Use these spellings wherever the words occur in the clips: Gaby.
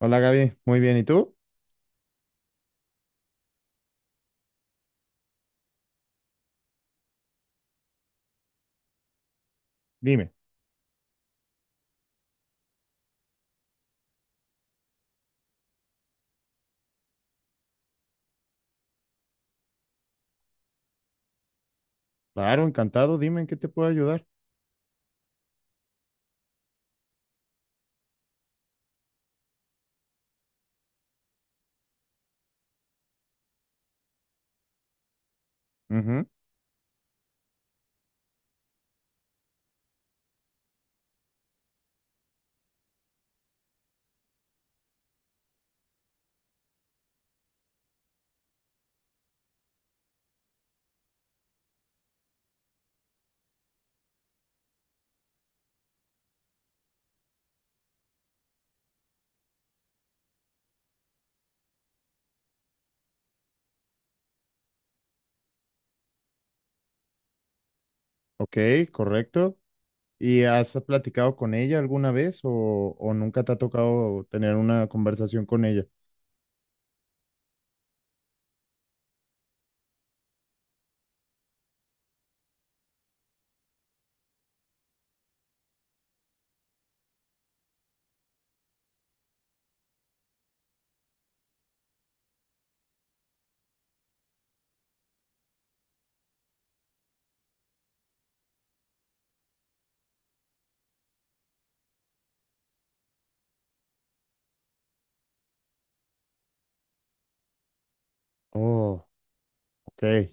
Hola Gaby, muy bien. ¿Y tú? Dime. Claro, encantado. Dime en qué te puedo ayudar. Ujú. Ok, correcto. ¿Y has platicado con ella alguna vez o nunca te ha tocado tener una conversación con ella? Oh, ok.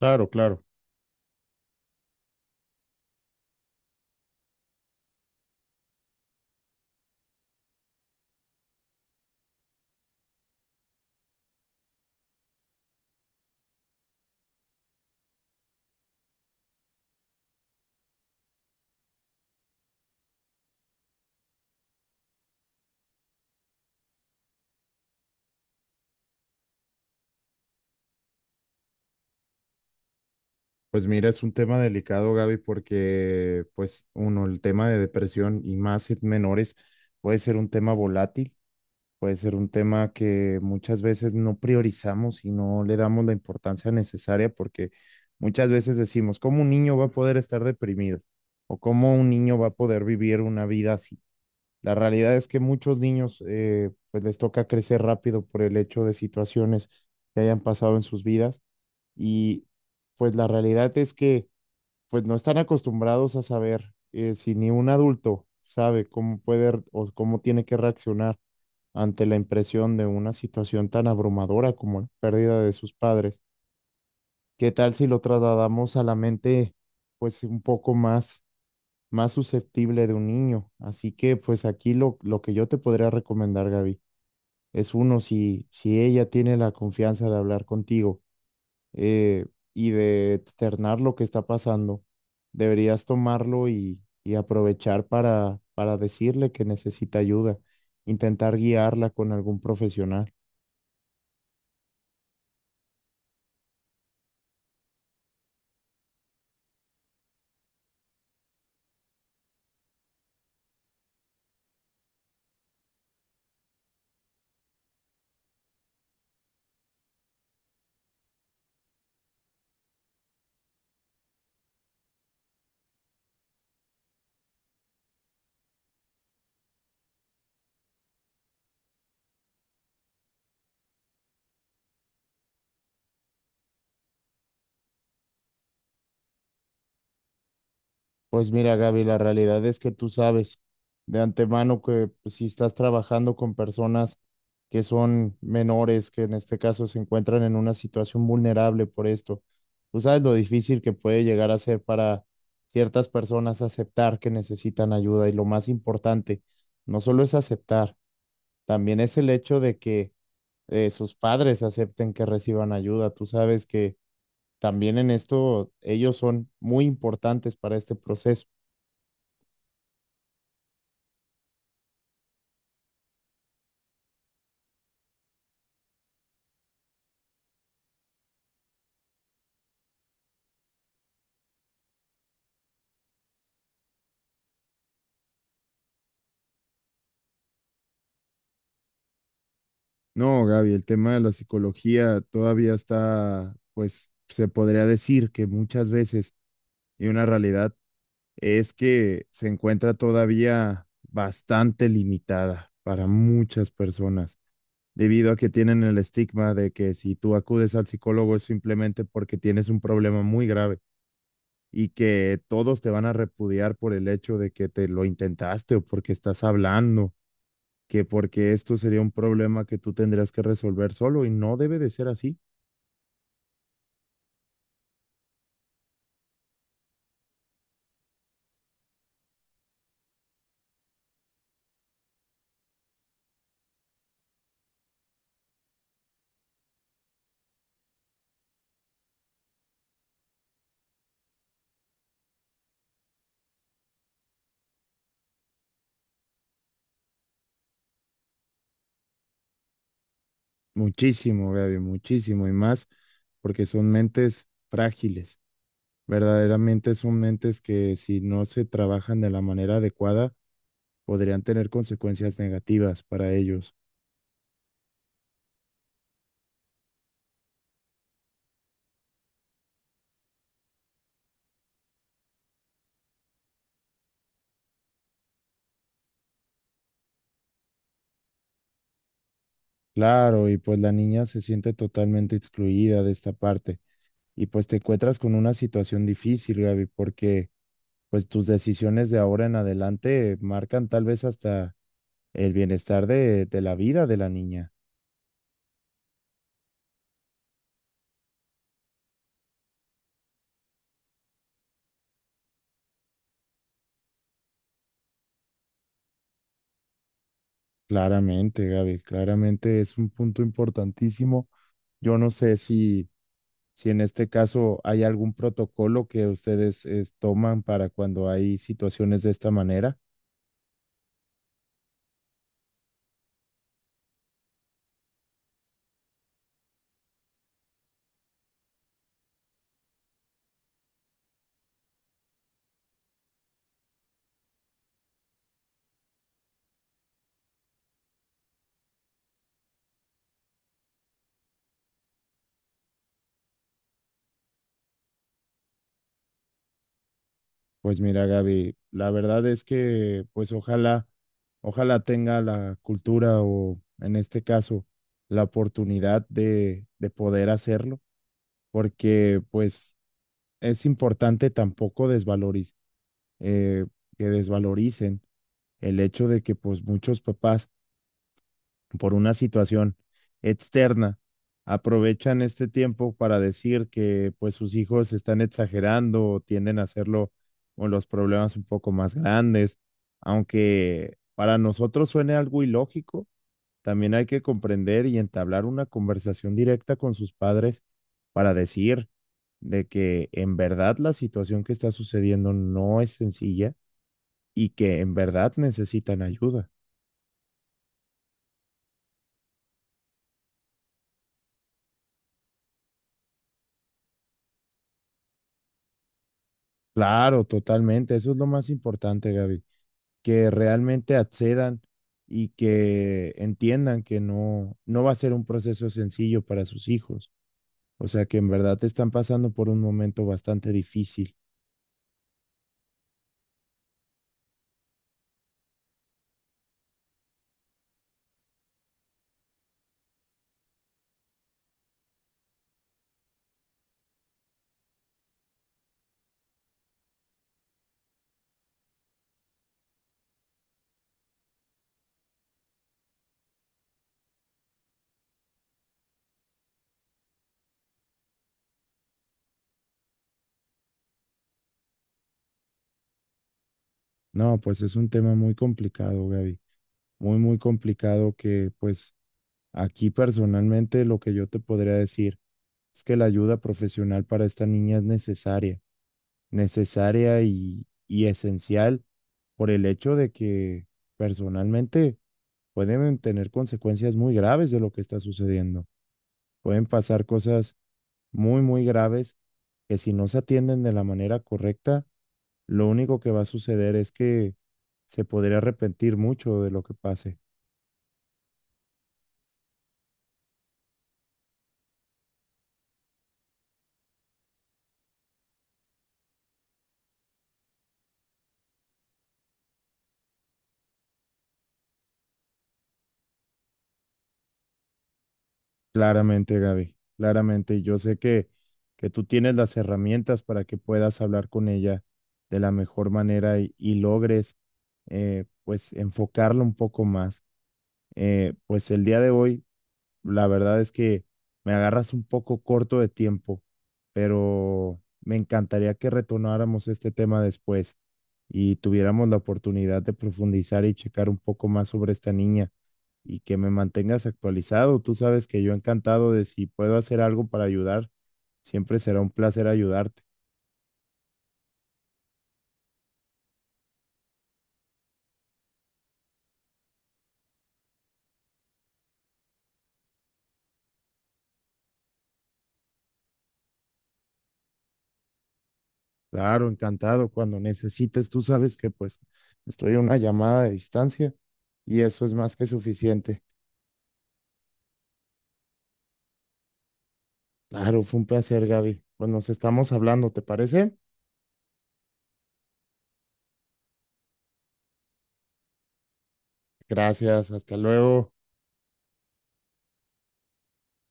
Claro, claro. Pues mira, es un tema delicado, Gaby, porque pues uno, el tema de depresión y más en menores puede ser un tema volátil. Puede ser un tema que muchas veces no priorizamos y no le damos la importancia necesaria porque muchas veces decimos, ¿cómo un niño va a poder estar deprimido? ¿O cómo un niño va a poder vivir una vida así? La realidad es que muchos niños pues les toca crecer rápido por el hecho de situaciones que hayan pasado en sus vidas y pues la realidad es que pues no están acostumbrados a saber, si ni un adulto sabe cómo o cómo tiene que reaccionar ante la impresión de una situación tan abrumadora como la pérdida de sus padres. ¿Qué tal si lo trasladamos a la mente, pues un poco más, más susceptible de un niño? Así que, pues aquí lo que yo te podría recomendar, Gaby, es uno, si ella tiene la confianza de hablar contigo, eh, y de externar lo que está pasando. Deberías tomarlo y aprovechar para decirle que necesita ayuda, intentar guiarla con algún profesional. Pues mira, Gaby, la realidad es que tú sabes de antemano que pues, si estás trabajando con personas que son menores, que en este caso se encuentran en una situación vulnerable por esto, tú sabes lo difícil que puede llegar a ser para ciertas personas aceptar que necesitan ayuda y lo más importante, no solo es aceptar, también es el hecho de que, sus padres acepten que reciban ayuda. Tú sabes que también en esto ellos son muy importantes para este proceso. No, Gaby, el tema de la psicología todavía está, pues se podría decir que muchas veces, y una realidad es que se encuentra todavía bastante limitada para muchas personas, debido a que tienen el estigma de que si tú acudes al psicólogo es simplemente porque tienes un problema muy grave y que todos te van a repudiar por el hecho de que te lo intentaste o porque estás hablando que porque esto sería un problema que tú tendrías que resolver solo y no debe de ser así. Muchísimo, Gaby, muchísimo y más porque son mentes frágiles. Verdaderamente son mentes que si no se trabajan de la manera adecuada podrían tener consecuencias negativas para ellos. Claro, y pues la niña se siente totalmente excluida de esta parte y pues te encuentras con una situación difícil, Gaby, porque pues tus decisiones de ahora en adelante marcan tal vez hasta el bienestar de la vida de la niña. Claramente, Gaby, claramente es un punto importantísimo. Yo no sé si en este caso hay algún protocolo que ustedes toman para cuando hay situaciones de esta manera. Pues mira, Gaby, la verdad es que pues ojalá, ojalá tenga la cultura o en este caso la oportunidad de poder hacerlo, porque pues es importante tampoco desvalorizar, eh, que desvaloricen el hecho de que pues muchos papás por una situación externa aprovechan este tiempo para decir que pues sus hijos están exagerando o tienden a hacerlo con los problemas un poco más grandes, aunque para nosotros suene algo ilógico, también hay que comprender y entablar una conversación directa con sus padres para decir de que en verdad la situación que está sucediendo no es sencilla y que en verdad necesitan ayuda. Claro, totalmente. Eso es lo más importante, Gaby, que realmente accedan y que entiendan que no, no va a ser un proceso sencillo para sus hijos. O sea, que en verdad están pasando por un momento bastante difícil. No, pues es un tema muy complicado, Gaby. Muy, muy complicado que pues aquí personalmente lo que yo te podría decir es que la ayuda profesional para esta niña es necesaria, necesaria y esencial por el hecho de que personalmente pueden tener consecuencias muy graves de lo que está sucediendo. Pueden pasar cosas muy, muy graves que si no se atienden de la manera correcta, lo único que va a suceder es que se podría arrepentir mucho de lo que pase. Claramente, Gaby, claramente. Y yo sé que tú tienes las herramientas para que puedas hablar con ella de la mejor manera y logres, pues, enfocarlo un poco más. Pues el día de hoy la verdad es que me agarras un poco corto de tiempo, pero me encantaría que retomáramos este tema después y tuviéramos la oportunidad de profundizar y checar un poco más sobre esta niña y que me mantengas actualizado. Tú sabes que yo encantado de si puedo hacer algo para ayudar, siempre será un placer ayudarte. Claro, encantado. Cuando necesites, tú sabes que pues estoy a una llamada de distancia y eso es más que suficiente. Claro, fue un placer, Gaby. Pues nos estamos hablando, ¿te parece? Gracias, hasta luego.